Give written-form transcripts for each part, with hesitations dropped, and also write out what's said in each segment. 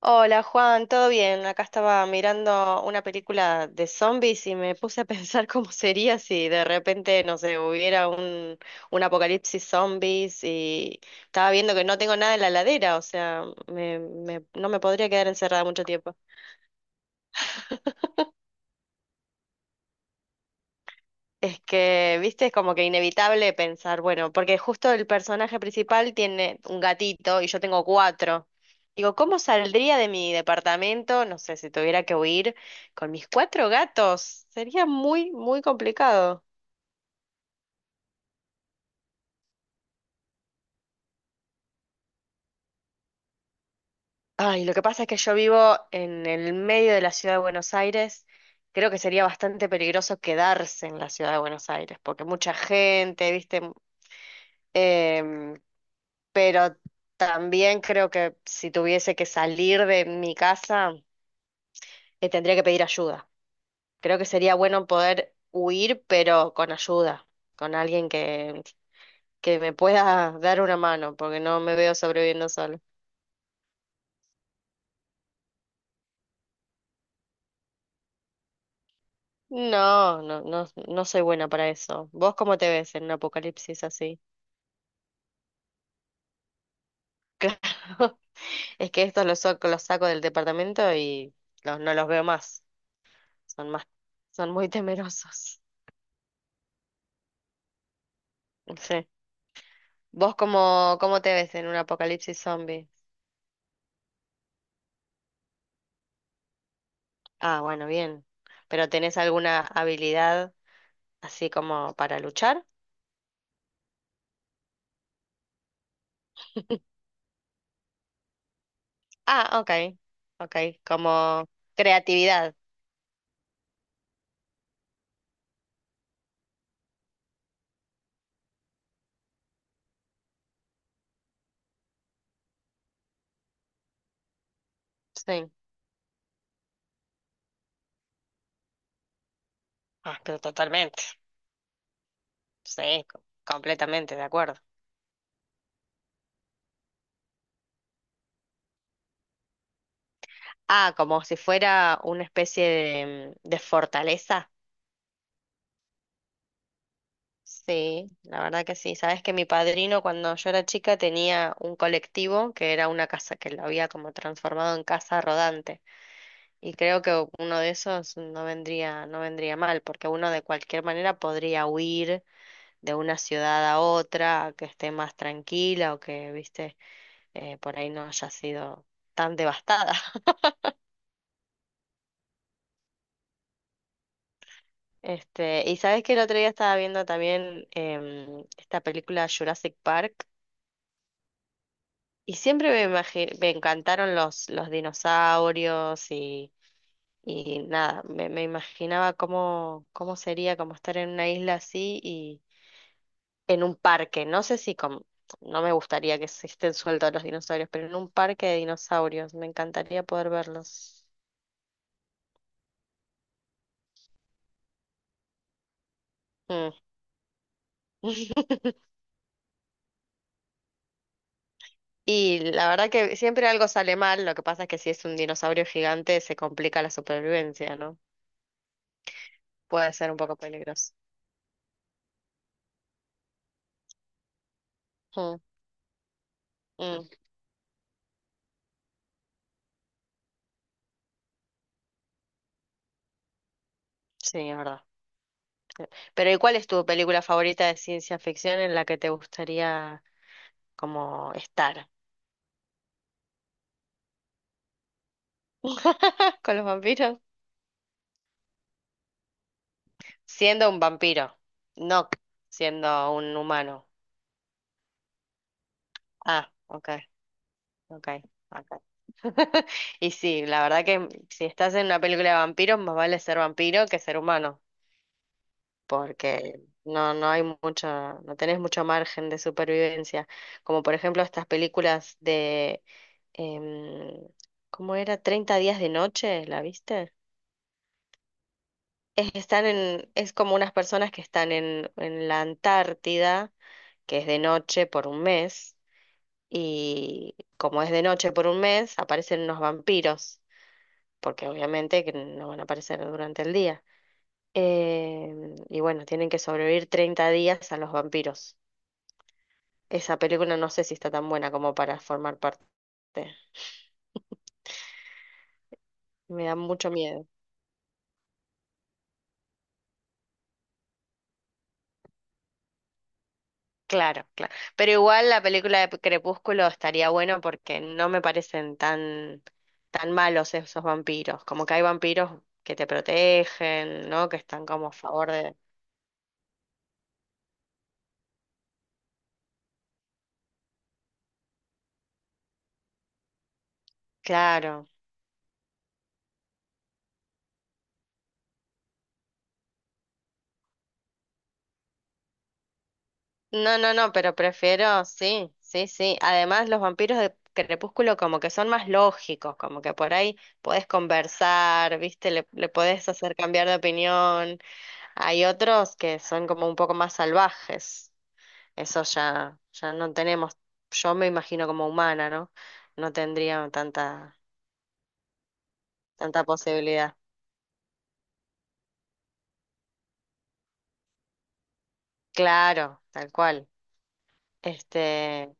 Hola Juan, ¿todo bien? Acá estaba mirando una película de zombies y me puse a pensar cómo sería si de repente, no sé, hubiera un apocalipsis zombies y estaba viendo que no tengo nada en la heladera, o sea, no me podría quedar encerrada mucho tiempo. Es que, viste, es como que inevitable pensar, bueno, porque justo el personaje principal tiene un gatito y yo tengo cuatro. Digo, ¿cómo saldría de mi departamento? No sé, si tuviera que huir con mis cuatro gatos. Sería muy, muy complicado. Ay, lo que pasa es que yo vivo en el medio de la ciudad de Buenos Aires. Creo que sería bastante peligroso quedarse en la ciudad de Buenos Aires, porque mucha gente, viste, em, pero también creo que si tuviese que salir de mi casa, tendría que pedir ayuda. Creo que sería bueno poder huir, pero con ayuda, con alguien que me pueda dar una mano, porque no me veo sobreviviendo solo. No, no, no, no soy buena para eso. ¿Vos cómo te ves en un apocalipsis así? Claro, es que estos los saco del departamento y los, no los veo más. Son más, son muy temerosos. Sí. ¿Vos cómo, cómo te ves en un apocalipsis zombie? Ah, bueno, bien. ¿Pero tenés alguna habilidad así como para luchar? Ah, ok. Ok, como creatividad. Sí. Ah, pero totalmente. Sí, completamente de acuerdo. Ah, como si fuera una especie de fortaleza. Sí, la verdad que sí. Sabes que mi padrino cuando yo era chica tenía un colectivo que era una casa que lo había como transformado en casa rodante. Y creo que uno de esos no vendría mal, porque uno de cualquier manera podría huir de una ciudad a otra, a que esté más tranquila o que, viste, por ahí no haya sido tan devastada. Este, y sabes que el otro día estaba viendo también esta película Jurassic Park y siempre me encantaron los dinosaurios y nada, me imaginaba cómo, cómo sería como estar en una isla así en un parque, no sé si con, no me gustaría que se estén sueltos los dinosaurios, pero en un parque de dinosaurios, me encantaría poder verlos. Mm. Y la verdad que siempre algo sale mal, lo que pasa es que si es un dinosaurio gigante se complica la supervivencia, ¿no? Puede ser un poco peligroso. Mm, mm, sí, es verdad. Pero ¿y cuál es tu película favorita de ciencia ficción en la que te gustaría como estar? ¿Con los vampiros? Siendo un vampiro, no siendo un humano. Ah, ok, ok, ok. Y sí, la verdad que si estás en una película de vampiros, más vale ser vampiro que ser humano, porque no, no hay mucho, no tenés mucho margen de supervivencia. Como por ejemplo estas películas de, em, ¿cómo era? 30 días de noche, ¿la viste? Es, están en, es como unas personas que están en la Antártida, que es de noche por un mes y como es de noche por un mes, aparecen unos vampiros, porque obviamente que no van a aparecer durante el día. Y bueno, tienen que sobrevivir 30 días a los vampiros. Esa película no sé si está tan buena como para formar parte. Me da mucho miedo. Claro, claro. Pero igual la película de Crepúsculo estaría bueno porque no me parecen tan, tan malos esos vampiros. Como que hay vampiros que te protegen, ¿no? Que están como a favor de... Claro. No, no, no, pero prefiero, sí, sí, sí. Además, los vampiros de Crepúsculo como que son más lógicos, como que por ahí podés conversar, ¿viste? Le podés hacer cambiar de opinión. Hay otros que son como un poco más salvajes. Eso ya, ya no tenemos, yo me imagino como humana, ¿no? No tendría tanta, tanta posibilidad. Claro, tal cual. Este,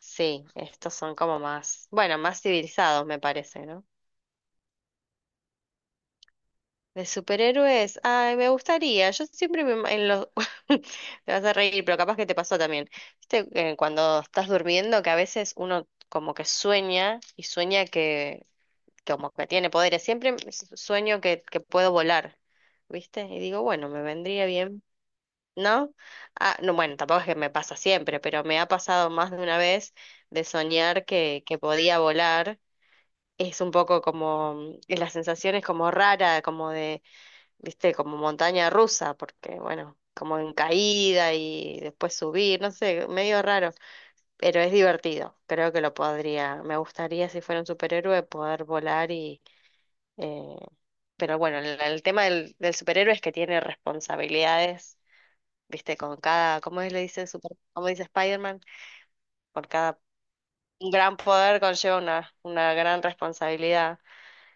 sí, estos son como más, bueno, más civilizados, me parece, ¿no? De superhéroes. Ay, me gustaría. Yo siempre me... ima- En los... Te vas a reír, pero capaz que te pasó también. Viste, que cuando estás durmiendo, que a veces uno como que sueña y sueña que como que tiene poderes. Siempre sueño que puedo volar, ¿viste? Y digo, bueno, me vendría bien, ¿no? Ah, no, bueno, tampoco es que me pasa siempre, pero me ha pasado más de una vez de soñar que podía volar. Es un poco como, la sensación es como rara, como de viste, como montaña rusa, porque bueno, como en caída y después subir, no sé, medio raro, pero es divertido. Creo que lo podría, me gustaría si fuera un superhéroe poder volar y... eh, pero bueno, el tema del, del superhéroe es que tiene responsabilidades, viste, con cada, ¿cómo es, le dice super, cómo dice Spider-Man? Por cada un gran poder conlleva una gran responsabilidad.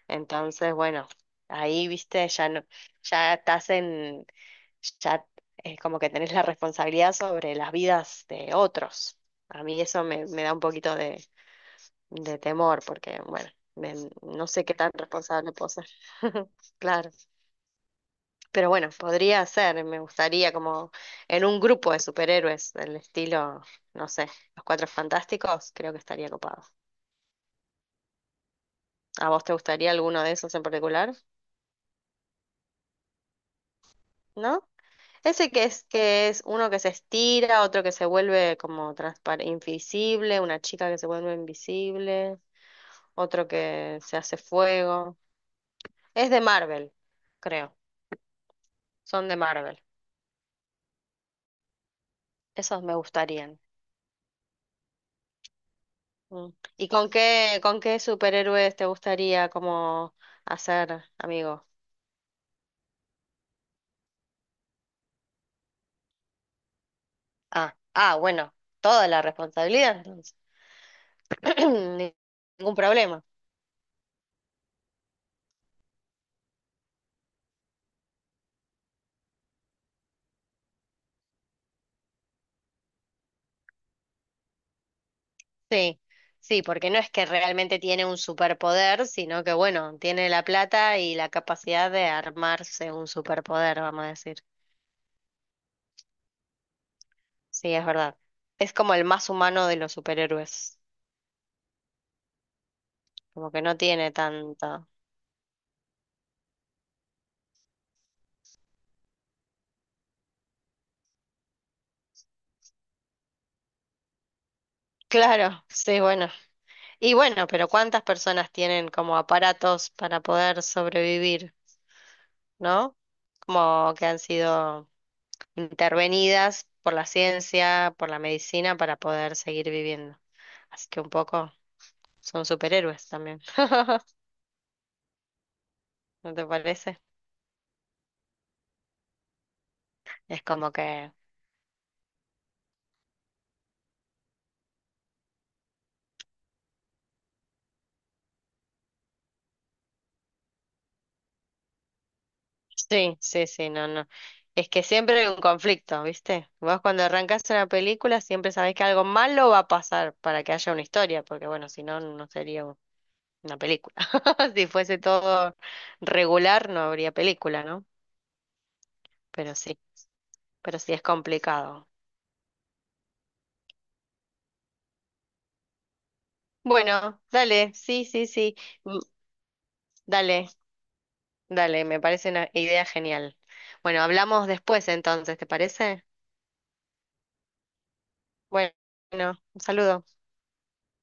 Entonces, bueno, ahí, viste, ya no, ya estás en, ya es como que tenés la responsabilidad sobre las vidas de otros. A mí eso me, me da un poquito de temor, porque, bueno, me- no sé qué tan responsable puedo ser. Claro, pero bueno, podría ser, me gustaría como en un grupo de superhéroes del estilo, no sé, los Cuatro Fantásticos, creo que estaría copado. ¿A vos te gustaría alguno de esos en particular? ¿No? Ese que es uno que se estira, otro que se vuelve como transparente, invisible, una chica que se vuelve invisible, otro que se hace fuego. Es de Marvel, creo. Son de Marvel. Esos me gustarían. Mm. ¿Y con qué superhéroes te gustaría como hacer amigo? Ah, ah, bueno, toda la responsabilidad entonces. Ningún problema. Sí, sí, porque no es que realmente tiene un superpoder, sino que bueno, tiene la plata y la capacidad de armarse un superpoder, vamos a decir. Sí, es verdad. Es como el más humano de los superhéroes, como que no tiene tanto. Claro, sí, bueno. Y bueno, pero ¿cuántas personas tienen como aparatos para poder sobrevivir, ¿no? Como que han sido intervenidas por la ciencia, por la medicina, para poder seguir viviendo. Así que un poco... Son superhéroes también. ¿No te parece? Es como que... Sí, sí, sí, no, no. Es que siempre hay un conflicto, ¿viste? Vos cuando arrancás una película siempre sabés que algo malo va a pasar para que haya una historia, porque bueno, si no, una película. Si fuese todo regular, no habría película, ¿no? Pero sí, pero sí es complicado. Bueno, dale, sí, sí, sí. Mm. Dale, dale, me parece una idea genial. Bueno, hablamos después entonces, ¿te parece? Bueno, un saludo.